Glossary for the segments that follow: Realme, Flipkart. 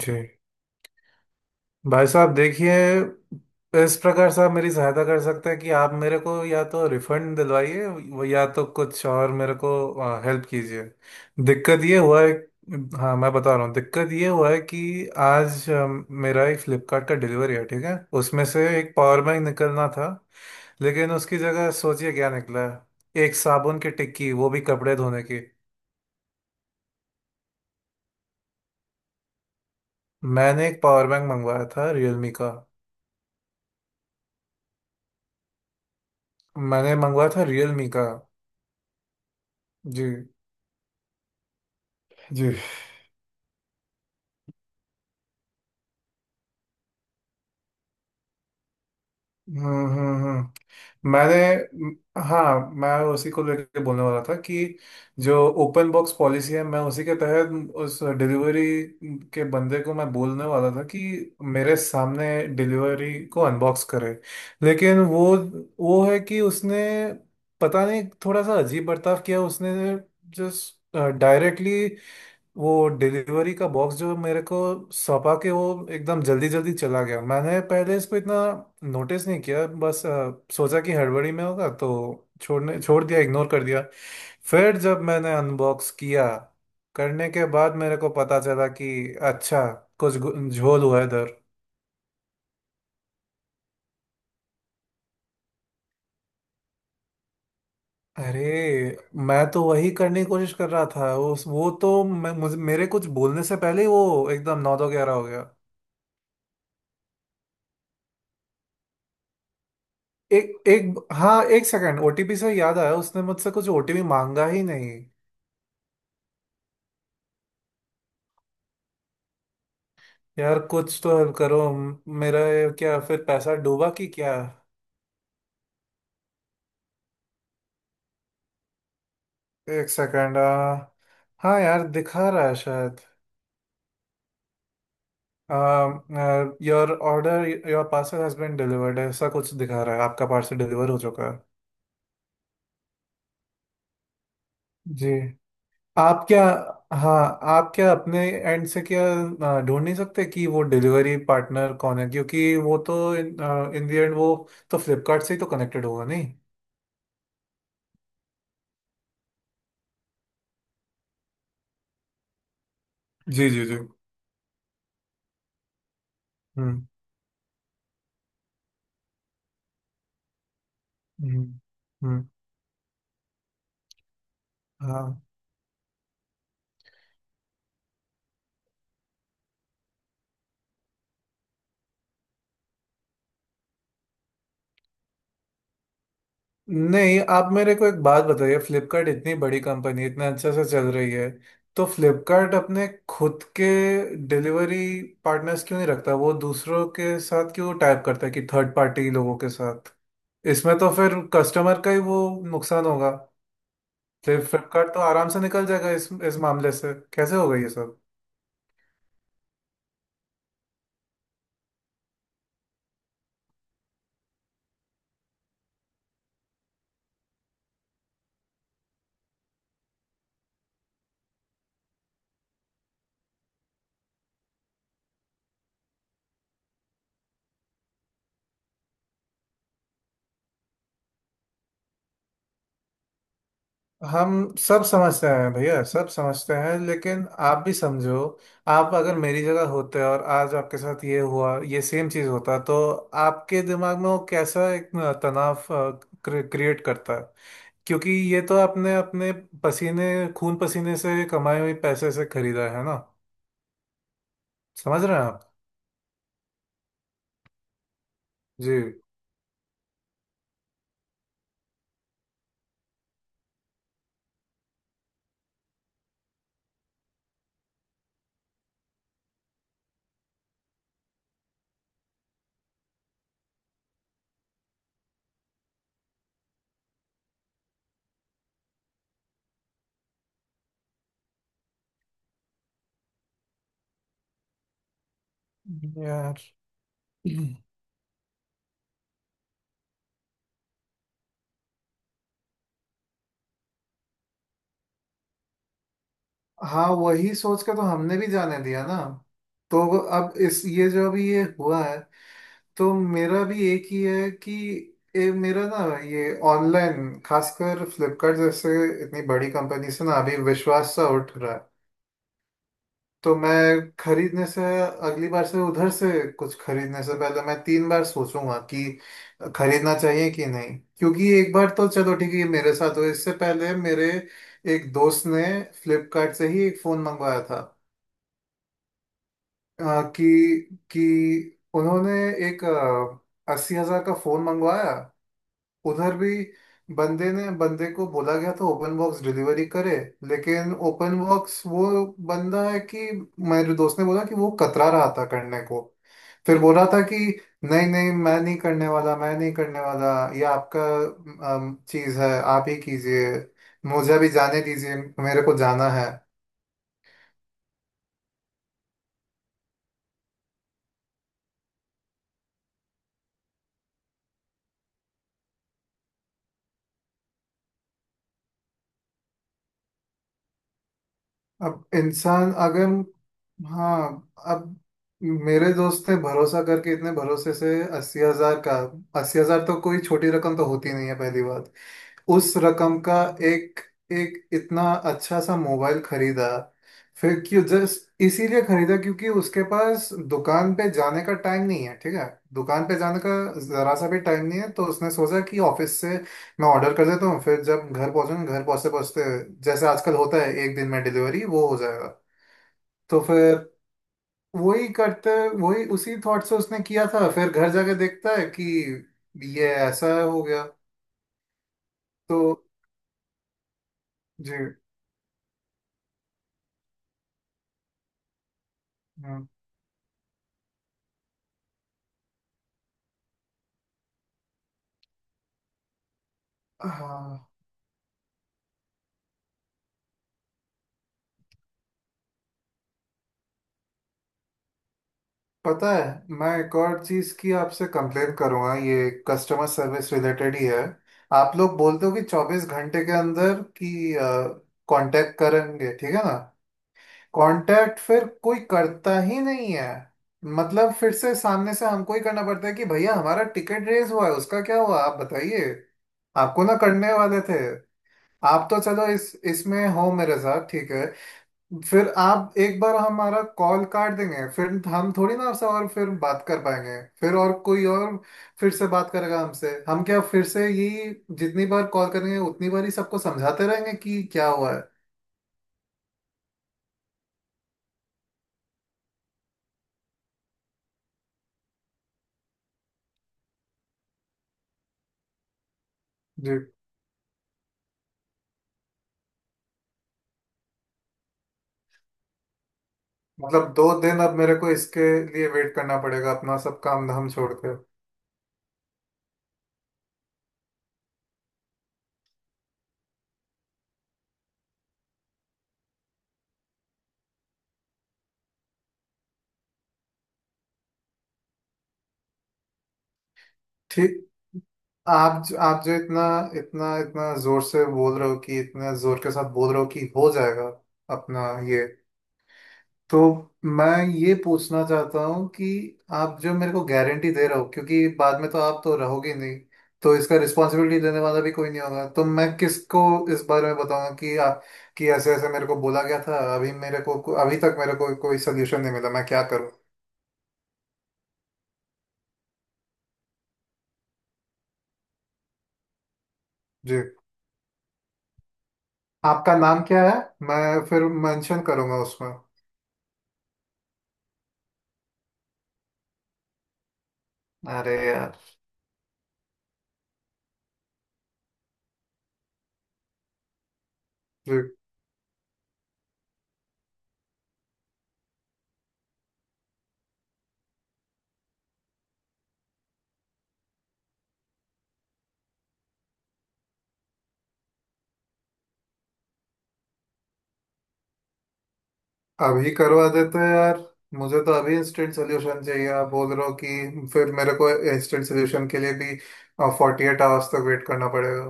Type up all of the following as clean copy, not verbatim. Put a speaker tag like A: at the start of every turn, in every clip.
A: जी। भाई साहब देखिए, इस प्रकार से आप मेरी सहायता कर सकते हैं कि आप मेरे को या तो रिफंड दिलवाइए, वो या तो कुछ और मेरे को हेल्प कीजिए। दिक्कत ये हुआ है, हाँ मैं बता रहा हूँ, दिक्कत ये हुआ है कि आज मेरा एक फ्लिपकार्ट का डिलीवरी है, ठीक है, उसमें से एक पावर बैंक निकलना था, लेकिन उसकी जगह सोचिए क्या निकला है, एक साबुन की टिक्की, वो भी कपड़े धोने की। मैंने एक पावर बैंक मंगवाया था रियलमी का। मैंने मंगवाया था रियलमी का। जी। जी। हम्म हम्म हम्म। मैंने हाँ, मैं उसी को लेकर बोलने वाला था कि जो ओपन बॉक्स पॉलिसी है, मैं उसी के तहत उस डिलीवरी के बंदे को मैं बोलने वाला था कि मेरे सामने डिलीवरी को अनबॉक्स करे। लेकिन वो है कि उसने, पता नहीं, थोड़ा सा अजीब बर्ताव किया उसने। जस्ट डायरेक्टली वो डिलीवरी का बॉक्स जो मेरे को सौंपा के वो एकदम जल्दी जल्दी चला गया। मैंने पहले इसको इतना नोटिस नहीं किया, बस सोचा कि हड़बड़ी में होगा तो छोड़ दिया, इग्नोर कर दिया। फिर जब मैंने अनबॉक्स किया, करने के बाद मेरे को पता चला कि अच्छा, कुछ झोल हुआ है इधर। अरे, मैं तो वही करने की कोशिश कर रहा था, उस वो तो मैं मुझे मेरे कुछ बोलने से पहले ही वो एकदम नौ दो ग्यारह हो गया। एक एक हाँ एक सेकंड, ओटीपी से याद आया, उसने मुझसे कुछ ओटीपी मांगा ही नहीं। यार कुछ तो हेल्प करो, मेरा ये क्या फिर पैसा डूबा कि क्या। एक सेकंड। हाँ यार दिखा रहा है शायद। Your order, your parcel has been delivered, ऐसा कुछ दिखा रहा है, आपका पार्सल डिलीवर हो चुका है। जी। आप क्या हाँ, आप क्या अपने एंड से क्या ढूंढ नहीं सकते कि वो डिलीवरी पार्टनर कौन है? क्योंकि वो तो इन द एंड वो तो फ्लिपकार्ट से ही तो कनेक्टेड होगा नहीं। जी जी जी। हम्म हम्म हम्म, हाँ। नहीं आप मेरे को एक बात बताइए, फ्लिपकार्ट इतनी बड़ी कंपनी इतना अच्छे से चल रही है, तो फ्लिपकार्ट अपने खुद के डिलीवरी पार्टनर्स क्यों नहीं रखता? वो दूसरों के साथ क्यों टाइप करता है कि थर्ड पार्टी लोगों के साथ? इसमें तो फिर कस्टमर का ही वो नुकसान होगा, फिर फ्लिपकार्ट तो आराम से निकल जाएगा इस मामले से। कैसे होगा ये सब? हम सब समझते हैं भैया, सब समझते हैं, लेकिन आप भी समझो। आप अगर मेरी जगह होते और आज आपके साथ ये हुआ, ये सेम चीज होता, तो आपके दिमाग में वो कैसा एक तनाव क्रिएट करता है। क्योंकि ये तो आपने अपने पसीने, खून पसीने से कमाए हुए पैसे से खरीदा है ना। समझ रहे हैं आप? जी। यार, हाँ वही सोच के तो हमने भी जाने दिया ना। तो अब इस ये जो अभी ये हुआ है, तो मेरा भी एक ही है कि ये मेरा ना ये ऑनलाइन, खासकर फ्लिपकार्ट जैसे इतनी बड़ी कंपनी से ना अभी विश्वास सा उठ रहा है। तो मैं खरीदने से अगली बार से उधर से कुछ खरीदने से पहले मैं तीन बार सोचूंगा कि खरीदना चाहिए कि नहीं, क्योंकि एक बार तो चलो ठीक है ये मेरे साथ हुआ। इससे पहले मेरे एक दोस्त ने फ्लिपकार्ट से ही एक फ़ोन मंगवाया था। अ, कि उन्होंने एक 80 हज़ार का फ़ोन मंगवाया। उधर भी बंदे को बोला गया था ओपन बॉक्स डिलीवरी करे, लेकिन ओपन बॉक्स वो बंदा है कि, मेरे दोस्त ने बोला कि वो कतरा रहा था करने को। फिर बोल रहा था कि नहीं नहीं मैं नहीं करने वाला, मैं नहीं करने वाला, ये आपका चीज़ है, आप ही कीजिए, मुझे भी जाने दीजिए, मेरे को जाना है। अब इंसान अगर, हाँ अब, मेरे दोस्त ने भरोसा करके इतने भरोसे से 80 हज़ार का, 80 हज़ार तो कोई छोटी रकम तो होती नहीं है, पहली बात। उस रकम का एक एक इतना अच्छा सा मोबाइल खरीदा। फिर क्यों, जस्ट इसीलिए खरीदा क्योंकि उसके पास दुकान पे जाने का टाइम नहीं है, ठीक है, दुकान पे जाने का जरा सा भी टाइम नहीं है, तो उसने सोचा कि ऑफिस से मैं ऑर्डर कर देता हूँ, फिर जब घर पहुँचूंगा, घर पहुँचते पहुँचते, जैसे आजकल होता है एक दिन में डिलीवरी, वो हो जाएगा। तो फिर वही करते वही उसी थॉट से उसने किया था। फिर घर जाके देखता है कि ये ऐसा हो गया। तो जी। हम्म, हाँ। पता है, मैं एक और चीज़ की आपसे कंप्लेन करूँगा, ये कस्टमर सर्विस रिलेटेड ही है। आप लोग बोलते हो कि 24 घंटे के अंदर कि कांटेक्ट करेंगे, ठीक है ना। कांटेक्ट फिर कोई करता ही नहीं है, मतलब फिर से सामने से हमको ही करना पड़ता है कि भैया हमारा टिकट रेस हुआ है उसका क्या हुआ, आप बताइए। आपको ना करने वाले थे। आप तो चलो इस इसमें हो मेरे साथ, ठीक है, फिर आप एक बार हमारा कॉल काट देंगे, फिर हम थोड़ी ना आपसे और फिर बात कर पाएंगे, फिर और कोई और फिर से बात करेगा हमसे। हम क्या फिर से यही, जितनी बार कॉल करेंगे उतनी बार ही सबको समझाते रहेंगे कि क्या हुआ है। जी। मतलब 2 दिन अब मेरे को इसके लिए वेट करना पड़ेगा अपना सब काम धाम छोड़ कर? ठीक। आप जो इतना, इतना जोर से बोल रहे हो कि, इतना जोर के साथ बोल रहे हो कि हो जाएगा अपना ये, तो मैं ये पूछना चाहता हूँ कि आप जो मेरे को गारंटी दे रहे हो, क्योंकि बाद में तो आप तो रहोगे नहीं, तो इसका रिस्पॉन्सिबिलिटी लेने वाला भी कोई नहीं होगा। तो मैं किसको इस बारे में बताऊंगा कि ऐसे ऐसे मेरे को बोला गया था, अभी मेरे को अभी तक मेरे को कोई सोल्यूशन नहीं मिला, मैं क्या करूँ? जी आपका नाम क्या है? मैं फिर मेंशन करूंगा उसमें। अरे यार। जी अभी करवा देते हैं यार, मुझे तो अभी इंस्टेंट सोल्यूशन चाहिए। आप बोल रहे हो कि फिर मेरे को इंस्टेंट सोल्यूशन के लिए भी 48 आवर्स तक वेट करना पड़ेगा?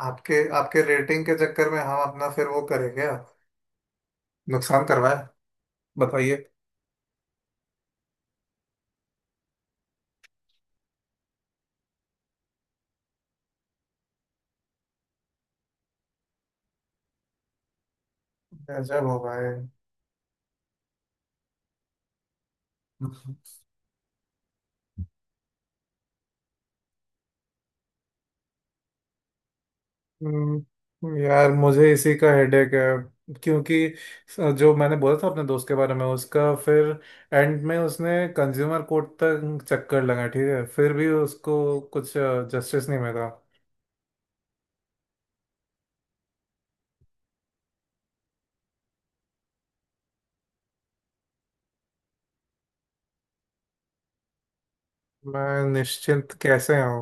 A: आपके आपके रेटिंग के चक्कर में हम अपना फिर वो करें क्या, नुकसान करवाए? बताइए। गजब हो भाई। यार मुझे इसी का हेडेक है, क्योंकि जो मैंने बोला था अपने दोस्त के बारे में, उसका फिर एंड में उसने कंज्यूमर कोर्ट तक चक्कर लगा, ठीक है, फिर भी उसको कुछ जस्टिस नहीं मिला। मैं निश्चिंत कैसे हूँ?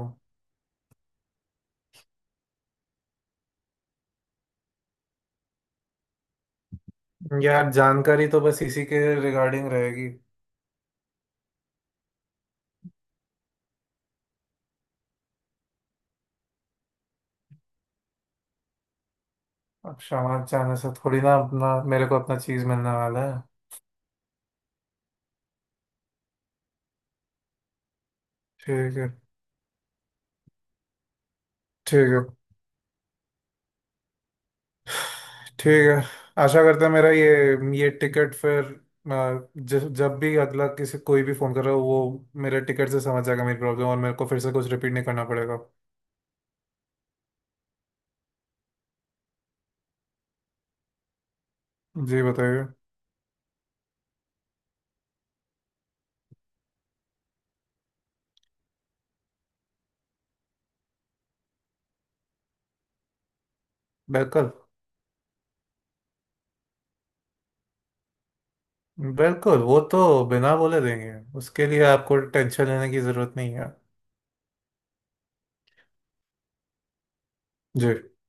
A: यार जानकारी तो बस इसी के रिगार्डिंग रहेगी। अब क्षमा चाहने से थोड़ी ना अपना, मेरे को अपना चीज़ मिलने वाला है। ठीक है। ठीक है। ठीक है आशा करते हैं मेरा ये टिकट फिर, जब भी अगला किसी कोई भी फोन कर रहा हो, वो मेरे टिकट से समझ जाएगा मेरी प्रॉब्लम और मेरे को फिर से कुछ रिपीट नहीं करना पड़ेगा। जी बताइए। बिल्कुल। बिल्कुल वो तो बिना बोले देंगे, उसके लिए आपको टेंशन लेने की जरूरत नहीं है। जी।